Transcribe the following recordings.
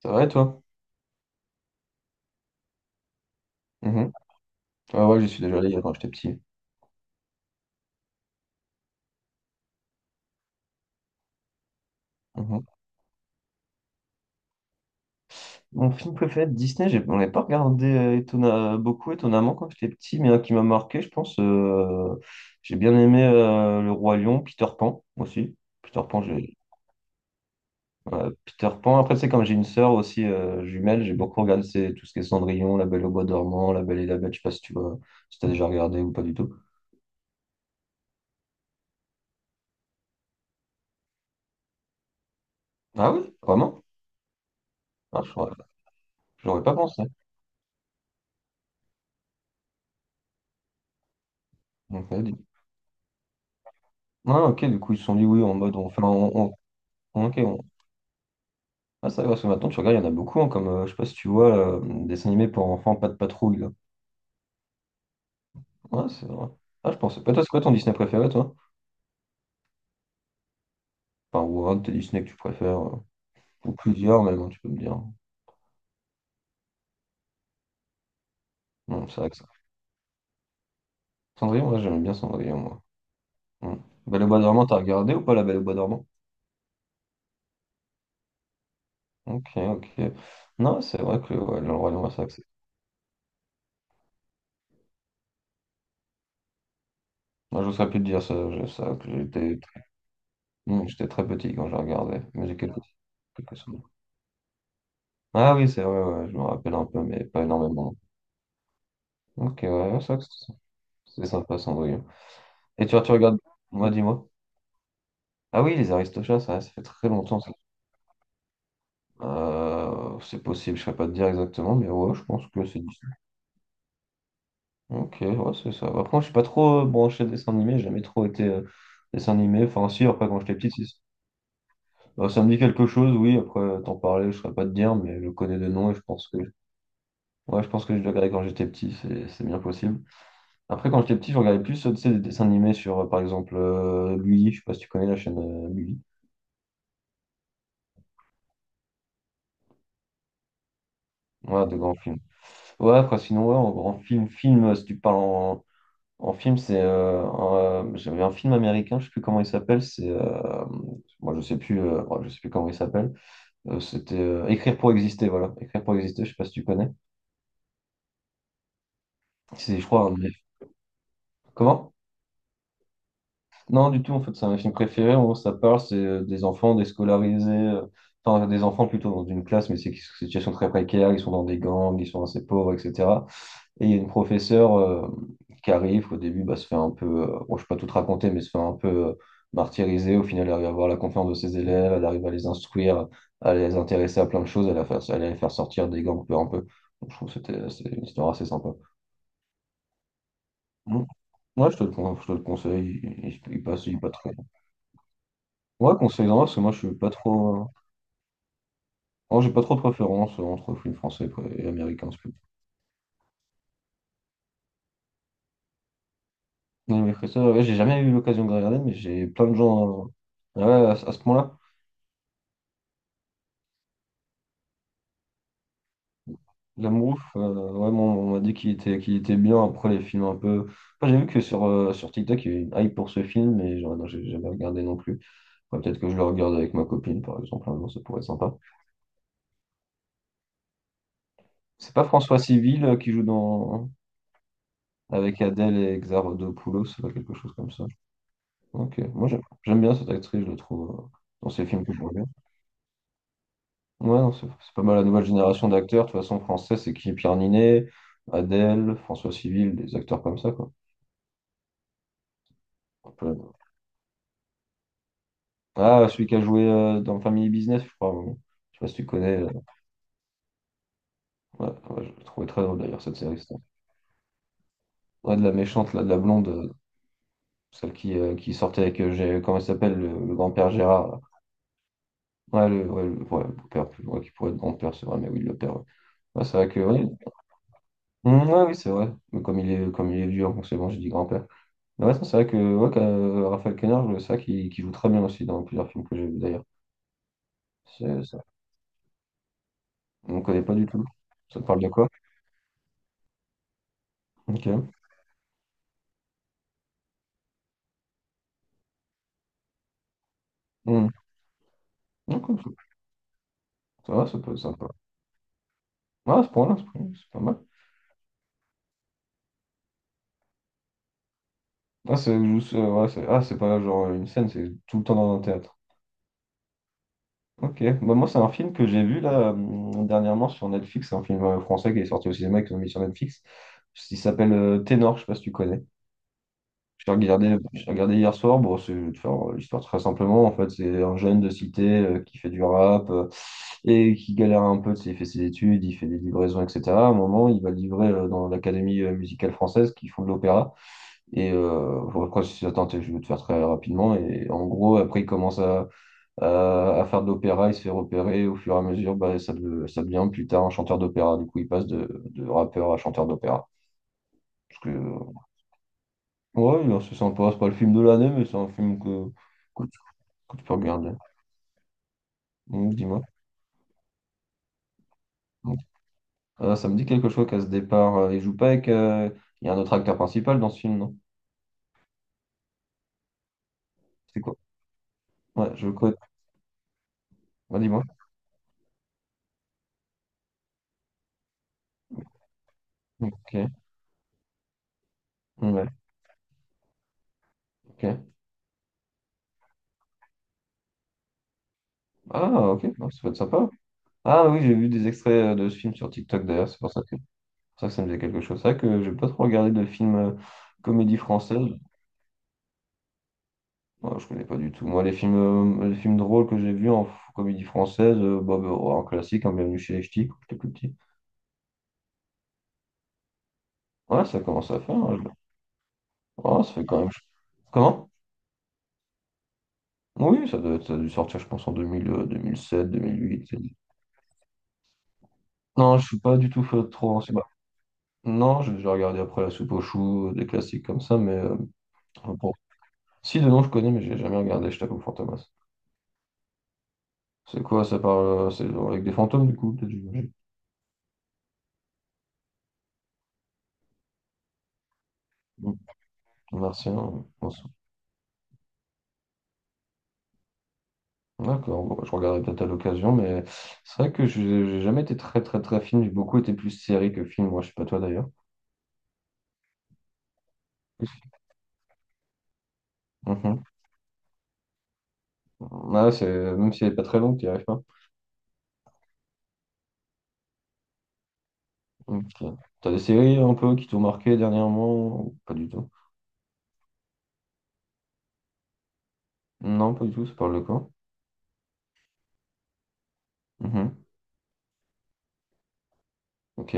C'est vrai, toi? Mhm. Ah ouais, j'y suis déjà allé quand j'étais petit. Mhm. Mon film préféré de Disney, on l'avait pas regardé beaucoup étonnamment quand j'étais petit, mais un qui m'a marqué, je pense, j'ai bien aimé Le Roi Lion, Peter Pan aussi. Peter Pan, j'ai... ouais, Peter Pan. Après, c'est comme j'ai une sœur aussi jumelle, j'ai beaucoup regardé c'est tout ce qui est Cendrillon, La Belle au bois dormant, La Belle et la Bête, je sais pas si tu vois, si t'as déjà regardé ou pas du tout. Ah oui, vraiment? J'aurais j'aurais pas pensé. Ok, du- Ah, ok, du coup, ils se sont dit oui, en mode ok. Ah, ça, parce que maintenant, tu regardes, il y en a beaucoup, hein, comme, je sais pas si tu vois, dessin animé pour enfants, pas de patrouille, là. Ouais, c'est vrai. Ah, je pensais pas. Toi, c'est quoi ton Disney préféré, toi? Enfin, ou un de tes Disney que tu préfères, ou plusieurs même, hein, tu peux me dire. Non, c'est vrai que ça. Cendrillon, ouais, j'aime bien Cendrillon, moi. Hmm. Belle au bois dormant, t'as regardé ou pas la Belle au bois dormant? Ok, ok. Non, c'est vrai que ouais, le Roi Lion, ouais, c'est vrai que c'est- je saurais plus te dire ça, ça, que j'étais hmm, j'étais très petit quand je regardais, quelques souvenirs. Ah oui, c'est vrai, ouais, je me rappelle un peu, mais pas énormément. Ok, ouais, ça. C'est sympa, Cendrillon. Tu regardes. Moi, dis-moi. Ah oui, les Aristochats, ça fait très longtemps. Ça. C'est possible, je ne saurais pas te dire exactement, mais ouais, je pense que c'est Disney. Ok, ouais, c'est ça. Après, moi, je suis pas trop branché dessin animé, j'ai jamais trop été dessin animé. Enfin, si, après, quand j'étais petit, si. Ça me dit quelque chose, oui, après, t'en parler, je ne saurais pas te dire, mais je connais de nom et je pense que. Ouais, je pense que je l'ai regardé quand j'étais petit, c'est bien possible. Après, quand j'étais petit, je regardais plus, tu sais, des dessins animés sur, par exemple, Gulli, je sais pas si tu connais la chaîne Gulli. Voilà, de grands films. Ouais, après, sinon, ouais, en grand film, si tu parles en, en film, c'est. J'avais un film américain, je sais plus comment il s'appelle, c'est. Moi, je sais plus, ouais, je sais plus comment il s'appelle. C'était Écrire pour exister, voilà. Écrire pour exister, je sais pas si tu connais. C'est, je crois, un de mes- Comment? Non, du tout, en fait, c'est un film préféré où ça parle, c'est des enfants déscolarisés, enfin, des enfants plutôt dans une classe, mais c'est qui sont en situation très précaire, ils sont dans des gangs, ils sont assez pauvres, etc. Et il y a une professeure qui arrive, au début, bah, se fait un peu, bon, je ne peux pas tout te raconter, mais se fait un peu martyriser. Au final, elle arrive à avoir la confiance de ses élèves, elle arrive à les instruire, à les intéresser à plein de choses, à les faire sortir des gangs peu un peu. Donc, je trouve que c'est une histoire assez sympa. Moi, je te le, con- je te le conseille, il passe, il est pas très. Ouais, conseille-en, parce que moi, je suis pas trop. Moi, j'ai pas trop de préférence entre films français quoi, et américains. Non, mais ça, ouais, j'ai jamais eu l'occasion de regarder, mais j'ai plein de gens. Ouais, à ce point-là. L'Amour, ouais, bon, on m'a dit qu'il était bien. Après, les films un peu. Enfin, j'ai vu que sur, sur TikTok, il y a eu une hype pour ce film, mais genre, non, j'ai jamais regardé non plus. Ouais, peut-être que je le regarde avec ma copine, par exemple. Un jour, ça pourrait être sympa. C'est pas François Civil qui joue dans. Avec Adèle et Exarchopoulos, ou quelque chose comme ça. Ok, moi j'aime bien cette actrice, je la trouve dans ces films que je regarde. Ouais, non, c'est pas mal la nouvelle génération d'acteurs. De toute façon, français, c'est qui? Pierre Ninet, Adèle, François Civil, des acteurs comme ça, quoi. Ah, celui qui a joué dans Family Business, je crois. Ouais. Je sais pas si tu connais. Ouais, ouais, je l'ai trouvé très drôle d'ailleurs cette série. Ouais, de la méchante, là, de la blonde, celle qui sortait avec, comment il s'appelle, le grand-père Gérard. Là. Ouais, le beau-père, ouais, qui pourrait être grand-père, c'est vrai, mais oui, le père. Ouais, Ouais, c'est vrai que, ouais. Mm, ouais, oui, c'est vrai. Mais comme il est vieux, forcément, j'ai dit grand-père. Mais ouais, ça, c'est vrai que, ouais, que, Raphaël Quenard, c'est vrai qu'il joue très bien aussi dans plusieurs films que j'ai vus d'ailleurs. C'est- ça- On ne connaît pas du tout. Ça te parle de quoi? Ok. Mm. Ok, Ça va, ça peut être sympa. Ah, à ce point-là, c'est pas mal. Ah, ouais, ah, c'est pas genre une scène, c'est tout le temps dans un théâtre. Ok, bah, moi, c'est un film que j'ai vu là dernièrement sur Netflix, c'est un film français qui est sorti au cinéma et qui l'ont mis sur Netflix. Il s'appelle Ténor, je sais pas si tu connais. J'ai regardé hier soir. Bon, c'est je vais te faire l'histoire très simplement. En fait, c'est un jeune de cité qui fait du rap et qui galère un peu. Tu sais, Il fait ses études, il fait des livraisons, etc. À un moment, il va livrer dans l'Académie musicale française qui font de l'opéra. Et bon, quand je suis attends, je vais te faire très rapidement. Et en gros, après, il commence à faire de l'opéra, il se fait repérer. Au fur et à mesure, bah, ça, ça devient plus tard un chanteur d'opéra. Du coup, il passe de rappeur à chanteur d'opéra. Parce que, ouais, non, c'est sympa. C'est pas le film de l'année, mais c'est un film que, que, tu, que tu peux regarder. Donc, dis-moi. Donc, ça me dit quelque chose qu'à ce départ, il joue pas avec. Il y a un autre acteur principal dans ce film, non? C'est quoi? Ouais, je connais. Ouais, dis-moi. Ok. Ouais, ok. Ah, ok. Ouais, ça peut être sympa. Ah oui, j'ai vu des extraits de ce film sur TikTok d'ailleurs, c'est pour ça que ça me faisait quelque chose. C'est vrai que j'ai pas trop regardé de films comédie française. Moi, je connais pas du tout. Moi, les films drôles que j'ai vus en comédie française, bah, en classique, en Bienvenue chez les Ch'tis, quand j'étais plus petit. Ouais, ça commence à faire. hein. ouais, ça fait quand même. Comment? Oui, ça, doit, ça a dû sortir, je pense, en 2000, 2007, 2008. Non, je suis pas du tout trop ancien. Non, j'ai regardé après La Soupe aux choux, des classiques comme ça, mais pour Si, de nom, je connais, mais j'ai jamais regardé, je t'avoue, Fantomas. C'est quoi, ça parle, c'est avec des fantômes, du coup, peut-être, j'imagine. Mm. Martien, on s'en- D'accord, bon, bah, je regarderai peut-être à l'occasion, mais c'est vrai que je j'ai jamais été très, très, très film. J'ai beaucoup été plus série que film, moi, je sais pas toi d'ailleurs. Mhm. Ouais, c'est même si elle est pas très longue, tu arrives pas. Ok. T'as des séries un peu qui t'ont marqué dernièrement ou pas du tout? Non, pas du tout, ça parle de quoi? Mhm. Ok.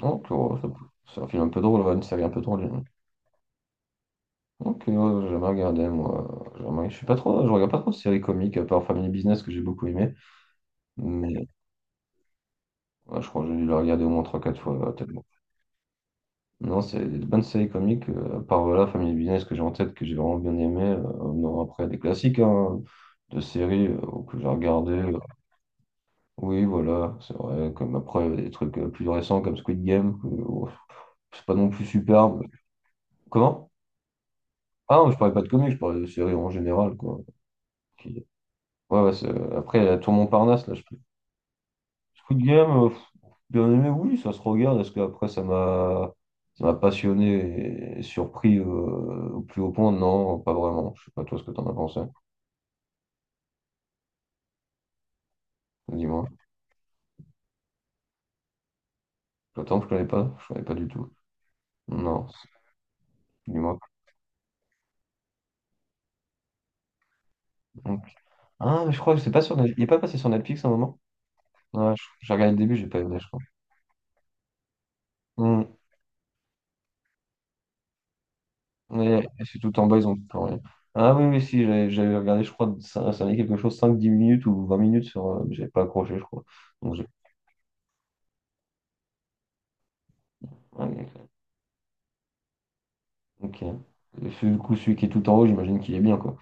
Donc, oh, c'est un film un peu drôle, ouais, une série un peu drôle. Ok, ouais, j'ai jamais regardé, moi. J'ai Jamais... Je suis pas trop... Je regarde pas trop de séries comiques, à part Family Business que j'ai beaucoup aimé. Mais ouais, je crois que j'ai dû le regarder au moins trois quatre fois, ouais, tellement. Non, c'est des bonnes séries comiques, à part voilà, Family Business que j'ai en tête, que j'ai vraiment bien aimé. Non, après, des classiques hein, de séries que j'ai regardé. Oui, voilà, c'est vrai. Comme après, des trucs plus récents comme Squid Game, que, ouf, c'est pas non plus superbe. Comment? Ah non, je parlais pas de comics, je parlais de séries en général, quoi. Qui- Ouais, ouais, après, il y a Tour Montparnasse, là, je Coup de gamme, pff, bien aimé, oui, ça se regarde, parce qu'après, ça m'a passionné et surpris au plus haut point. Non, pas vraiment. Je sais pas toi ce que t'en as pensé. Dis-moi. Attends, je connais pas. Je connais pas du tout. Non. Dis-moi. Ok. Ah, mais je crois que c'est pas sur Netflix. Il est pas passé sur Netflix à un moment? J'ai regardé le début, j'ai pas aimé, je crois. Hmm. Et c'est tout en bas, ils ont tout enlevé. Ah oui, oui, si, j'avais regardé, je crois, ça allait quelque chose, cinq, dix minutes ou 20 minutes sur. J'avais pas accroché, je crois. Donc j'ai. Ouais, Ok. Du coup, celui qui est tout en haut, j'imagine qu'il est bien, quoi.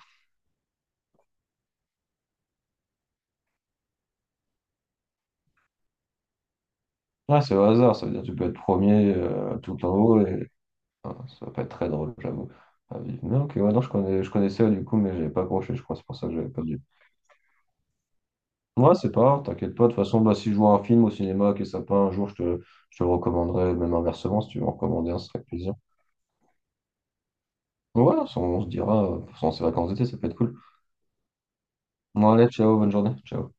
Ah, c'est au hasard, ça veut dire que tu peux être premier tout en haut et ah, ça va pas être très drôle, j'avoue. Ah, vivre. Mais ok, ouais, non, je connais, je connaissais du coup, mais j'avais pas accroché, je crois, c'est pour ça que j'avais perdu. Ouais, c'est pas grave, t'inquiète pas. De toute façon, bah, si je vois un film au cinéma qui est sympa un jour, je te le recommanderai, même inversement, si tu veux en recommander un, ce serait avec plaisir. Ouais, se dira, pendant ces vacances d'été, ça peut être cool. Bon, allez, ciao, bonne journée. Ciao.